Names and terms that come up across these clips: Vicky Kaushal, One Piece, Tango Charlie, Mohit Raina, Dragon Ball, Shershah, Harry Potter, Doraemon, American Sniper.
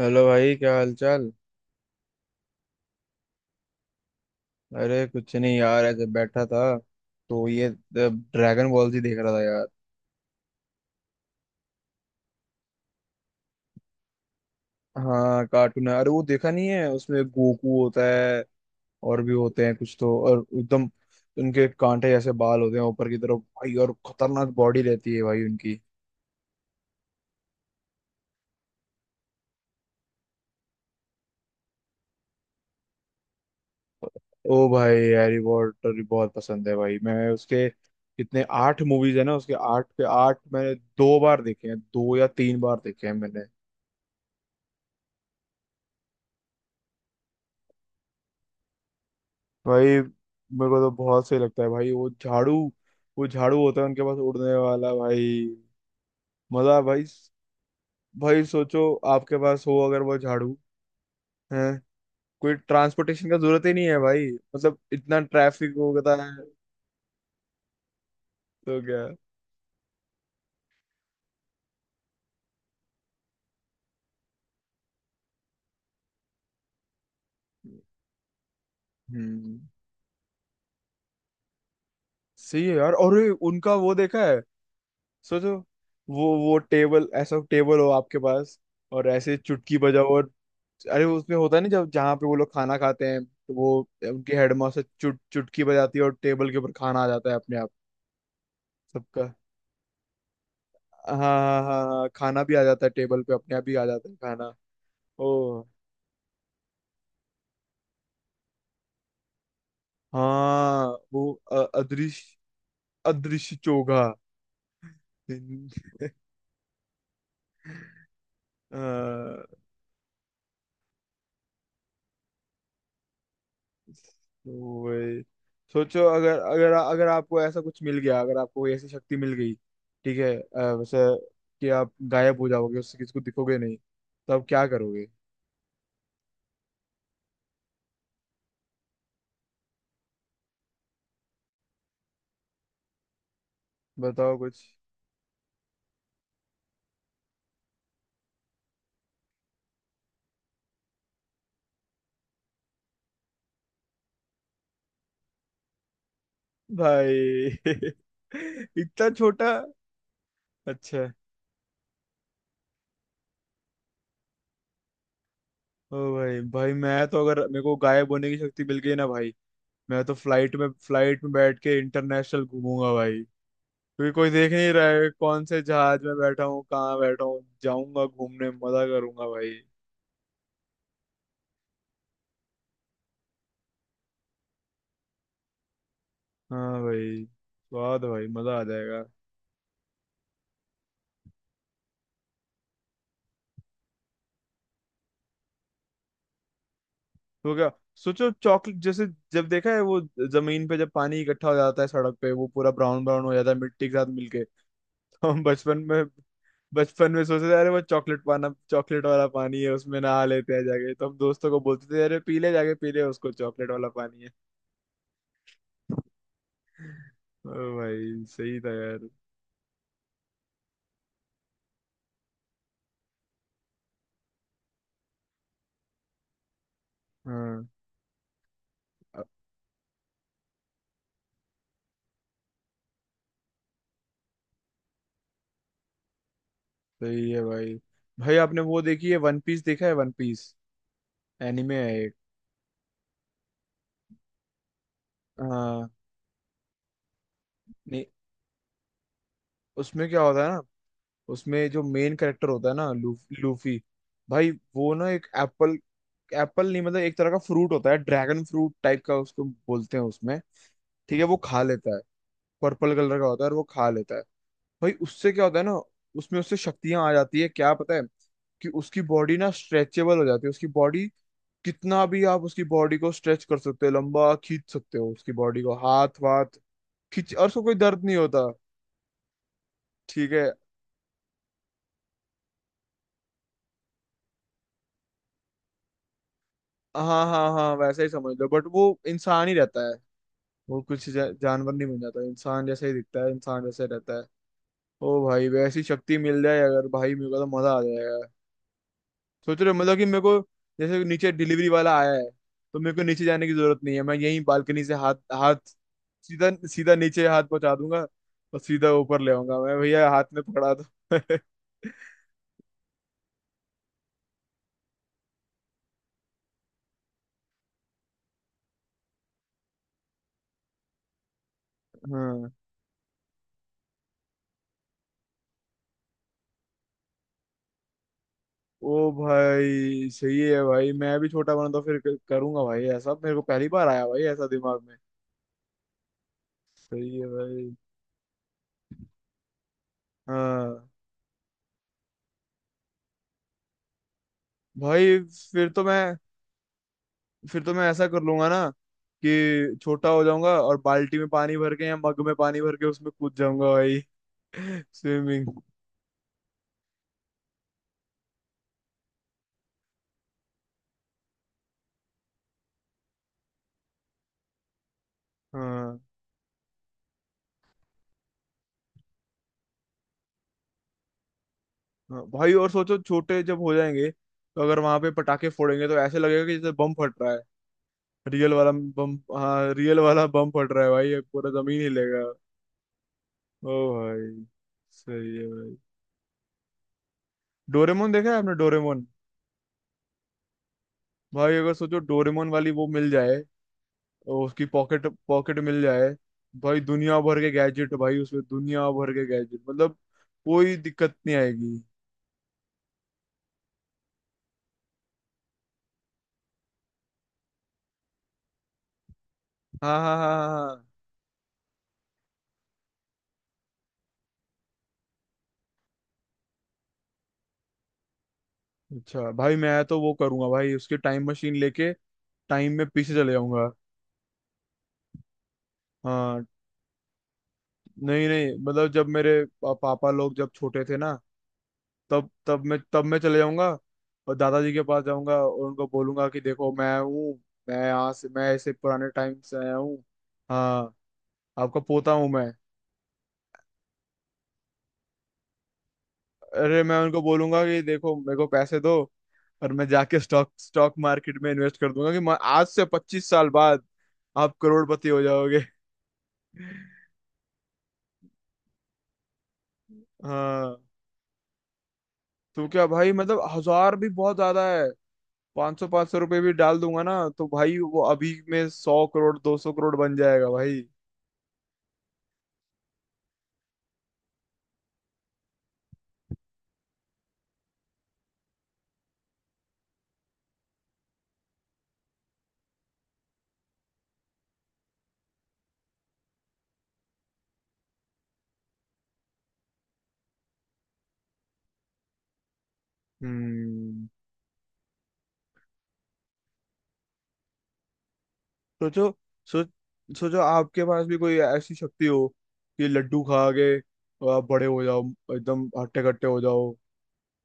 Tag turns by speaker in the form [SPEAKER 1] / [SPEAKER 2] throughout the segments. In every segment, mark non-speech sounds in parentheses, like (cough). [SPEAKER 1] Hello भाई, क्या हाल चाल। अरे कुछ नहीं यार, ऐसे बैठा था। तो ये ड्रैगन बॉल जी देख रहा था यार। हाँ, कार्टून है। अरे वो देखा नहीं है? उसमें गोकू होता है, और भी होते हैं कुछ तो। और एकदम उनके कांटे जैसे बाल होते हैं ऊपर की तरफ भाई, और खतरनाक बॉडी रहती है भाई उनकी। ओ भाई, हैरी पॉटर बहुत पसंद है भाई मैं उसके... कितने, 8 मूवीज है ना उसके। 8 के 8 मैंने 2 बार देखे हैं, 2 या 3 बार देखे हैं मैंने। भाई मेरे को तो बहुत सही लगता है भाई वो झाड़ू। वो झाड़ू होता है उनके पास उड़ने वाला भाई। मजा है भाई। भाई सोचो, आपके पास हो अगर वो झाड़ू है, कोई ट्रांसपोर्टेशन का जरूरत ही नहीं है भाई। मतलब इतना ट्रैफिक होता है, तो क्या। हम्म, सही है यार। और ये उनका वो देखा है? सोचो, वो टेबल, ऐसा टेबल हो आपके पास, और ऐसे चुटकी बजाओ और... अरे वो उसमें होता है ना, जब जहाँ पे वो लोग खाना खाते हैं तो वो उनकी हेडमास्टर चुटकी बजाती है और टेबल के ऊपर खाना आ जाता है अपने आप। सबका... हाँ हाँ हाँ हाँ, खाना भी आ जाता है टेबल पे अपने आप ही आ जाता है खाना। ओ हाँ, वो अदृश्य... अदृश्य चोगा। अ, तो वही। सोचो अगर अगर अगर आपको ऐसा कुछ मिल गया, अगर आपको कोई ऐसी शक्ति मिल गई, ठीक है, वैसे, कि आप गायब हो जाओगे, उससे किसी को दिखोगे नहीं, तो आप क्या करोगे? बताओ कुछ। भाई (laughs) इतना छोटा। अच्छा। ओ भाई भाई, मैं तो अगर मेरे को गायब होने की शक्ति मिल गई ना भाई, मैं तो फ्लाइट में बैठ के इंटरनेशनल घूमूंगा भाई। क्योंकि कोई देख नहीं रहा है कौन से जहाज में बैठा हूँ, कहाँ बैठा हूँ। जाऊंगा घूमने, मजा करूंगा भाई। हाँ भाई, स्वाद है भाई, मजा आ जाएगा। तो क्या, सोचो चॉकलेट जैसे... जब देखा है वो, जमीन पे जब पानी इकट्ठा हो जाता है सड़क पे, वो पूरा ब्राउन ब्राउन हो जाता है मिट्टी के साथ मिलके। हम बचपन में सोचते थे, अरे वो चॉकलेट पाना, चॉकलेट वाला पानी है, उसमें नहा लेते हैं जाके। तो हम दोस्तों को बोलते थे, अरे पी ले, जाके पी ले उसको, चॉकलेट वाला पानी है। ओ भाई सही था यार। हाँ। अब सही है भाई। भाई आपने वो देखी है, वन पीस? देखा है वन पीस? एनिमे है एक। हाँ। नहीं, उसमें क्या होता है ना, उसमें जो मेन कैरेक्टर होता है ना लूफी भाई। वो ना एक एप्पल... एप्पल नहीं मतलब, एक तरह का फ्रूट होता है, ड्रैगन फ्रूट टाइप का, उसको बोलते हैं उसमें। ठीक है, वो खा लेता है। पर्पल कलर का होता है, और वो खा लेता है। भाई उससे क्या होता है ना, उसमें उससे शक्तियां आ जाती है, क्या पता है? कि उसकी बॉडी ना स्ट्रेचेबल हो जाती है, उसकी बॉडी कितना भी आप उसकी बॉडी को स्ट्रेच कर सकते हो, लंबा खींच सकते हो उसकी बॉडी को, हाथ वाथ खींच, और उसको कोई दर्द नहीं होता। ठीक है। हाँ हाँ हाँ, वैसा ही समझ लो, बट वो इंसान ही रहता है। वो कुछ जानवर नहीं बन जाता, इंसान जैसा ही दिखता है, इंसान जैसा ही रहता है। ओ भाई वैसी शक्ति मिल जाए अगर भाई, मेरे को तो मजा आ जाएगा। सोच रहे हो मतलब, कि मेरे को, जैसे नीचे डिलीवरी वाला आया है, तो मेरे को नीचे जाने की जरूरत नहीं है, मैं यहीं बालकनी से हाथ... हाथ सीधा सीधा नीचे हाथ पहुंचा दूंगा, और सीधा ऊपर ले आऊंगा, मैं भैया हाथ में पकड़ा दो। (laughs) हाँ। ओ भाई सही है भाई, मैं भी छोटा बना तो फिर करूंगा भाई। ऐसा मेरे को पहली बार आया भाई ऐसा दिमाग में। सही है भाई। हाँ भाई। फिर तो मैं फिर तो मैं ऐसा कर लूंगा ना, कि छोटा हो जाऊंगा और बाल्टी में पानी भर के या मग में पानी भर के उसमें कूद जाऊंगा भाई। (laughs) स्विमिंग। हाँ। हाँ भाई, और सोचो छोटे जब हो जाएंगे तो अगर वहां पे पटाखे फोड़ेंगे तो ऐसे लगेगा कि जैसे बम फट रहा है, रियल वाला। बम, हाँ रियल वाला बम फट रहा है भाई, ये पूरा जमीन हिलेगा। ओ भाई सही है भाई। डोरेमोन देखा है आपने? डोरेमोन। भाई अगर सोचो डोरेमोन वाली वो मिल जाए, और उसकी पॉकेट पॉकेट मिल जाए, भाई दुनिया भर के गैजेट भाई, उसमें दुनिया भर के गैजेट मतलब कोई दिक्कत नहीं आएगी। हाँ हाँ हाँ हाँ हाँ। अच्छा भाई, मैं तो वो करूंगा भाई, उसकी टाइम मशीन लेके टाइम में पीछे चले जाऊंगा। हाँ। नहीं नहीं मतलब, जब मेरे पापा लोग जब छोटे थे ना, तब तब मैं चले जाऊंगा, और दादाजी के पास जाऊंगा और उनको बोलूंगा कि देखो मैं हूँ, मैं यहाँ से, मैं ऐसे पुराने टाइम से आया हूँ। हाँ, आपका पोता हूँ मैं। अरे मैं उनको बोलूंगा कि देखो मेरे को पैसे दो, और मैं जाके स्टॉक स्टॉक मार्केट में इन्वेस्ट कर दूंगा, कि आज से 25 साल बाद आप करोड़पति हो जाओगे। हाँ। तो क्या भाई, मतलब हजार भी बहुत ज्यादा है, 500-500 रुपये भी डाल दूंगा ना। तो भाई वो अभी में 100 करोड़, 200 करोड़ बन जाएगा भाई। हम्म। सोचो, सो सोचो आपके पास भी कोई ऐसी शक्ति हो, कि लड्डू खा के आप बड़े हो जाओ, एकदम हट्टे कट्टे हो जाओ।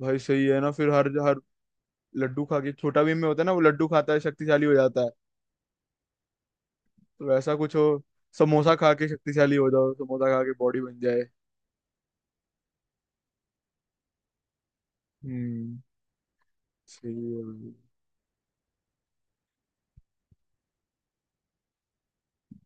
[SPEAKER 1] भाई सही है ना। फिर हर हर लड्डू खा के... छोटा भीम में होता है ना, वो लड्डू खाता है, शक्तिशाली हो जाता है, तो वैसा कुछ हो। समोसा खा के शक्तिशाली हो जाओ, समोसा खा के बॉडी बन जाए। हम्म। सही है भाई।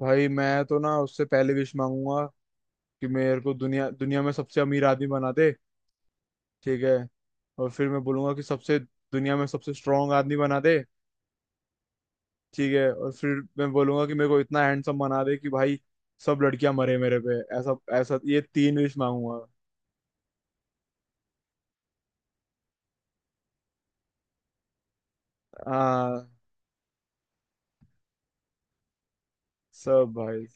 [SPEAKER 1] भाई, मैं तो ना उससे पहले विश मांगूंगा, कि मेरे को दुनिया दुनिया में सबसे अमीर आदमी बना दे। ठीक है। और फिर मैं बोलूंगा कि सबसे, दुनिया में सबसे स्ट्रांग आदमी बना दे। ठीक है। और फिर मैं बोलूंगा कि मेरे को इतना हैंडसम बना दे कि भाई सब लड़कियां मरे मेरे पे, ऐसा ऐसा, ये 3 विश मांगूंगा। हाँ, सब भाई।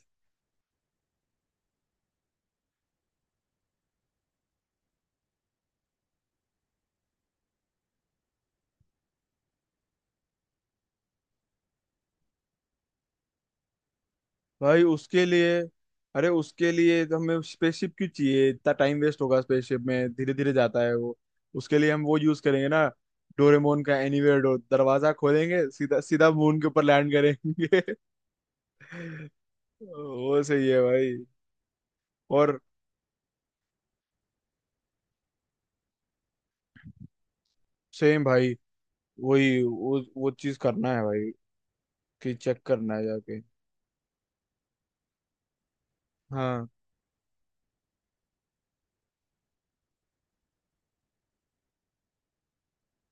[SPEAKER 1] भाई उसके लिए... अरे उसके लिए तो हमें स्पेसशिप क्यों चाहिए, इतना टाइम वेस्ट होगा, स्पेसशिप में धीरे धीरे जाता है वो। उसके लिए हम वो यूज करेंगे ना, डोरेमोन का एनीवेयर डोर, दरवाजा खोलेंगे सीधा सीधा मून के ऊपर लैंड करेंगे। (laughs) वो सही है भाई। और सेम भाई, वही वो चीज करना है भाई, कि चेक करना है जाके। हाँ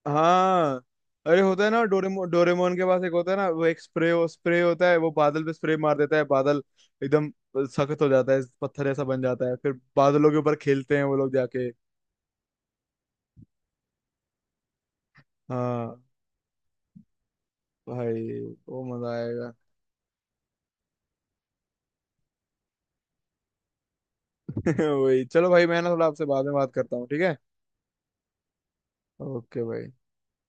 [SPEAKER 1] हाँ। अरे होता है ना डोरेमोन, डोरेमोन के पास एक होता है ना, वो एक स्प्रे होता है, वो बादल पे स्प्रे मार देता है, बादल एकदम सख्त हो जाता है, पत्थर ऐसा बन जाता है, फिर बादलों के ऊपर खेलते हैं वो लोग जाके। हाँ भाई, वो मजा आएगा। (laughs) वही, चलो भाई मैं ना थोड़ा आपसे बाद में बात करता हूँ, ठीक है? ओके भाई।